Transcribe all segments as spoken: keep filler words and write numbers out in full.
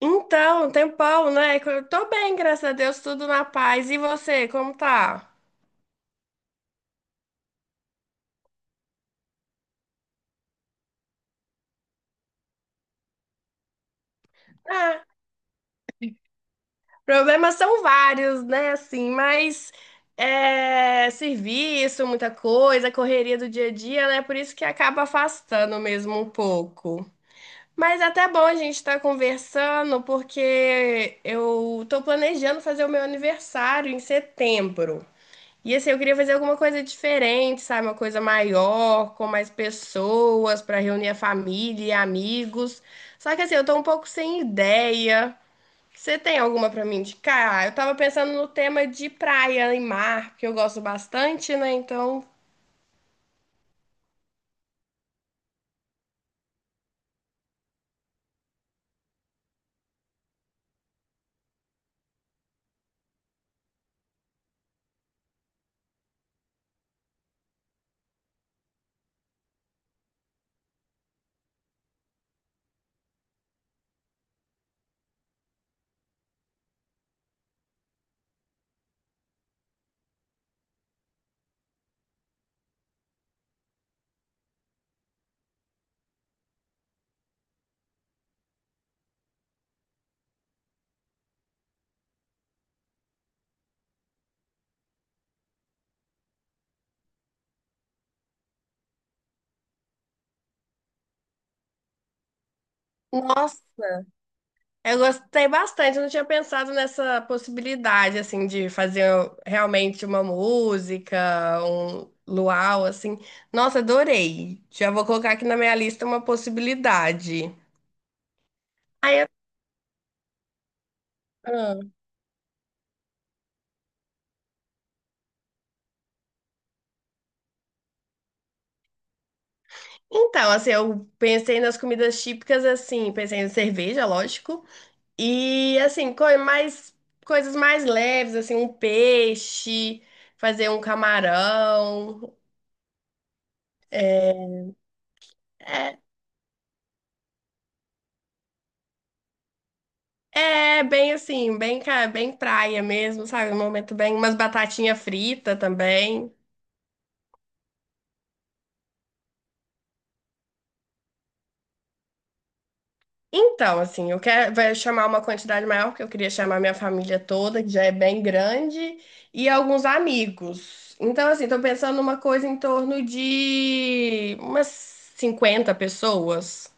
Então, tem Paulo, né? Eu tô bem, graças a Deus, tudo na paz. E você, como tá? Ah, problemas são vários, né? Assim, mas é, serviço, muita coisa, correria do dia a dia, né? Por isso que acaba afastando mesmo um pouco. Mas é até bom a gente estar conversando, porque eu tô planejando fazer o meu aniversário em setembro. E assim, eu queria fazer alguma coisa diferente, sabe? Uma coisa maior, com mais pessoas, para reunir a família e amigos. Só que assim, eu tô um pouco sem ideia. Você tem alguma para me indicar? Eu tava pensando no tema de praia e mar, que eu gosto bastante, né? Então, nossa, eu gostei bastante, eu não tinha pensado nessa possibilidade, assim, de fazer realmente uma música, um luau, assim. Nossa, adorei. Já vou colocar aqui na minha lista uma possibilidade. Aí eu- Ah. Então, assim, eu pensei nas comidas típicas, assim, pensei em cerveja, lógico, e, assim, co mais, coisas mais leves, assim, um peixe, fazer um camarão. É, é bem assim, bem, ca- bem praia mesmo, sabe? Um momento bem, umas batatinha frita também. Então, assim, eu quero vai chamar uma quantidade maior, porque eu queria chamar minha família toda, que já é bem grande, e alguns amigos. Então, assim, tô pensando numa coisa em torno de umas cinquenta pessoas.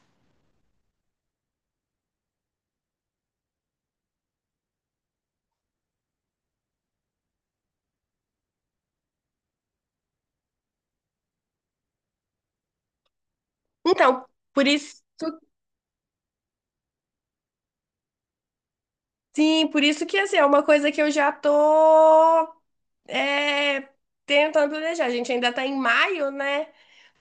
Então, por isso, sim, por isso que assim, é uma coisa que eu já tô é, tentando planejar. A gente ainda tá em maio, né?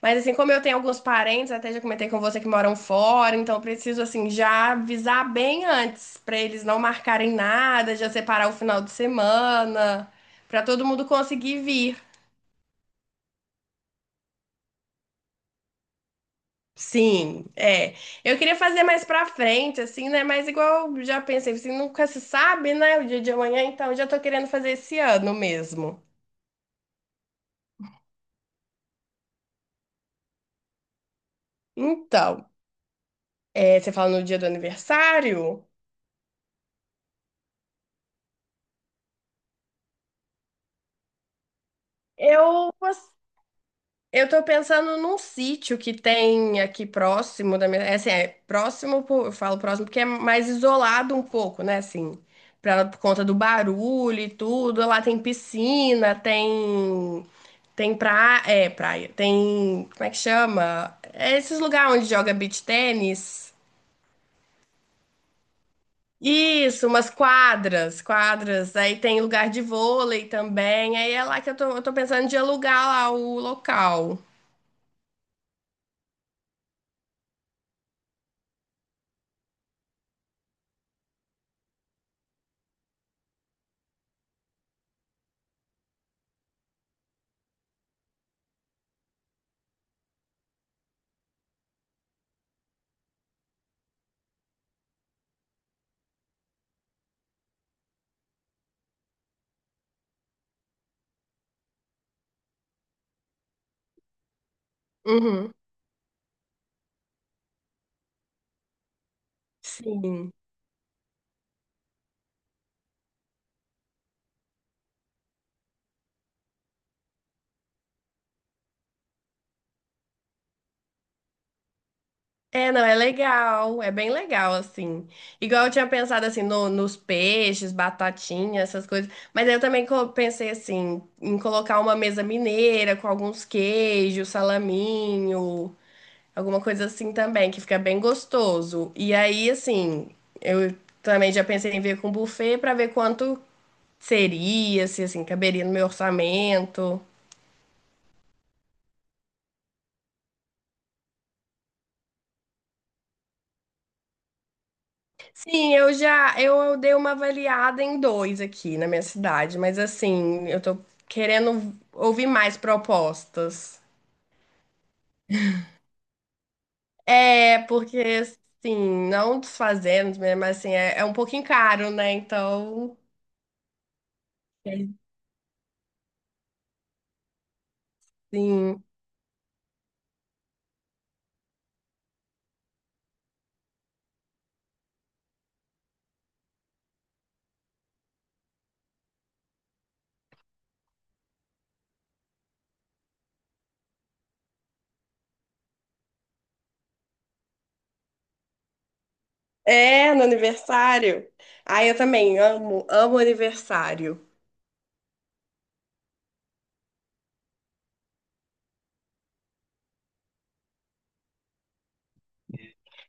Mas assim, como eu tenho alguns parentes, até já comentei com você que moram fora, então eu preciso assim já avisar bem antes pra eles não marcarem nada, já separar o final de semana, pra todo mundo conseguir vir. Sim, é. Eu queria fazer mais pra frente, assim, né? Mas igual eu já pensei, assim, nunca se sabe, né? O dia de amanhã, então eu já tô querendo fazer esse ano mesmo. Então, é, você fala no dia do aniversário? Eu, poss- eu tô pensando num sítio que tem aqui próximo da minha. É assim, é próximo, por- eu falo próximo porque é mais isolado um pouco, né? Assim, pra, por conta do barulho e tudo. Lá tem piscina, tem. Tem praia. É, praia. Tem. Como é que chama? É esses lugares onde joga beach tênis. Isso, umas quadras, quadras. Aí tem lugar de vôlei também. Aí é lá que eu tô, eu tô pensando de alugar lá o local. Uhum. Sim. É, não, é legal, é bem legal, assim. Igual eu tinha pensado, assim, no- nos peixes, batatinha, essas coisas. Mas aí eu também co- pensei, assim, em colocar uma mesa mineira com alguns queijos, salaminho, alguma coisa assim também, que fica bem gostoso. E aí, assim, eu também já pensei em ver com buffet pra ver quanto seria, se, assim, caberia no meu orçamento. Sim, eu já eu dei uma avaliada em dois aqui na minha cidade, mas assim, eu tô querendo ouvir mais propostas. É, porque assim, não desfazendo, né, mas assim, é, é um pouquinho caro, né? Então, sim. É, no aniversário. Ah, eu também amo, amo aniversário.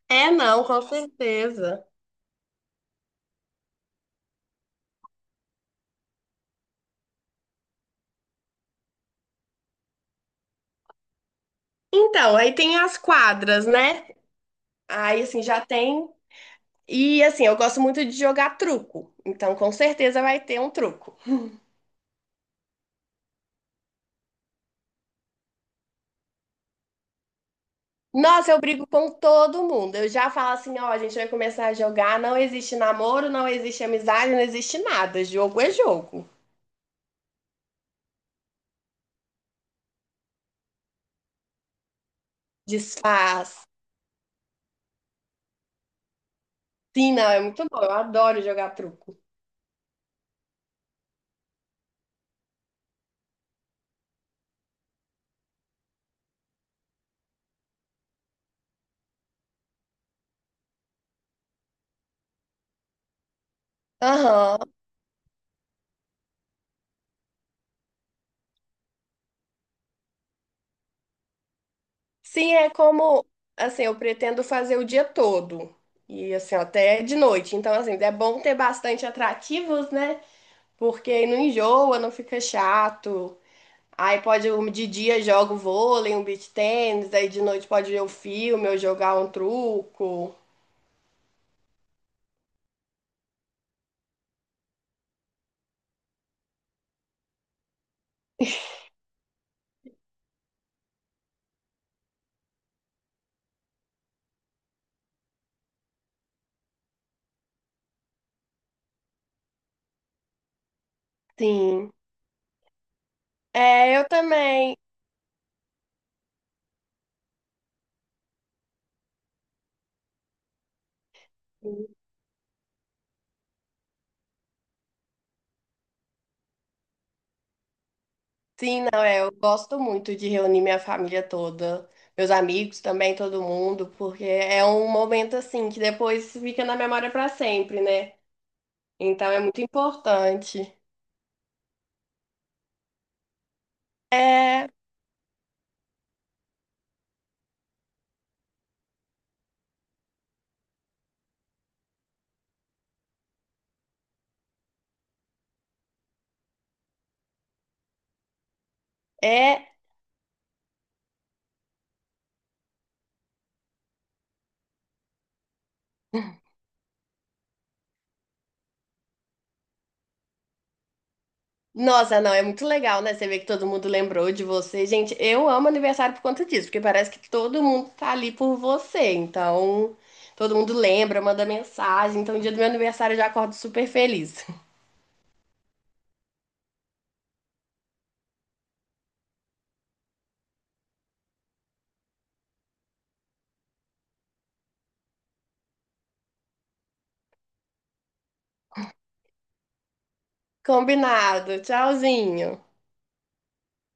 É, não, com certeza. Então, aí tem as quadras, né? Aí assim, já tem E assim, eu gosto muito de jogar truco, então com certeza vai ter um truco. Nossa, eu brigo com todo mundo. Eu já falo assim, ó, a gente vai começar a jogar, não existe namoro, não existe amizade, não existe nada. Jogo é jogo. Desfaz. Sim, não, é muito bom. Eu adoro jogar truco. Aham. Sim, é como, assim, eu pretendo fazer o dia todo. E assim, até de noite. Então, assim, é bom ter bastante atrativos, né? Porque aí não enjoa, não fica chato. Aí pode, eu- de dia jogo vôlei, um beach tênis, aí de noite pode ver um filme ou jogar um truco. Sim. É, eu também. Sim, não, é, eu gosto muito de reunir minha família toda, meus amigos também, todo mundo, porque é um momento assim que depois fica na memória para sempre, né? Então é muito importante. É, é. Nossa, não, é muito legal, né? Você vê que todo mundo lembrou de você. Gente, eu amo aniversário por conta disso, porque parece que todo mundo tá ali por você. Então, todo mundo lembra, manda mensagem. Então, no dia do meu aniversário eu já acordo super feliz. Combinado. Tchauzinho.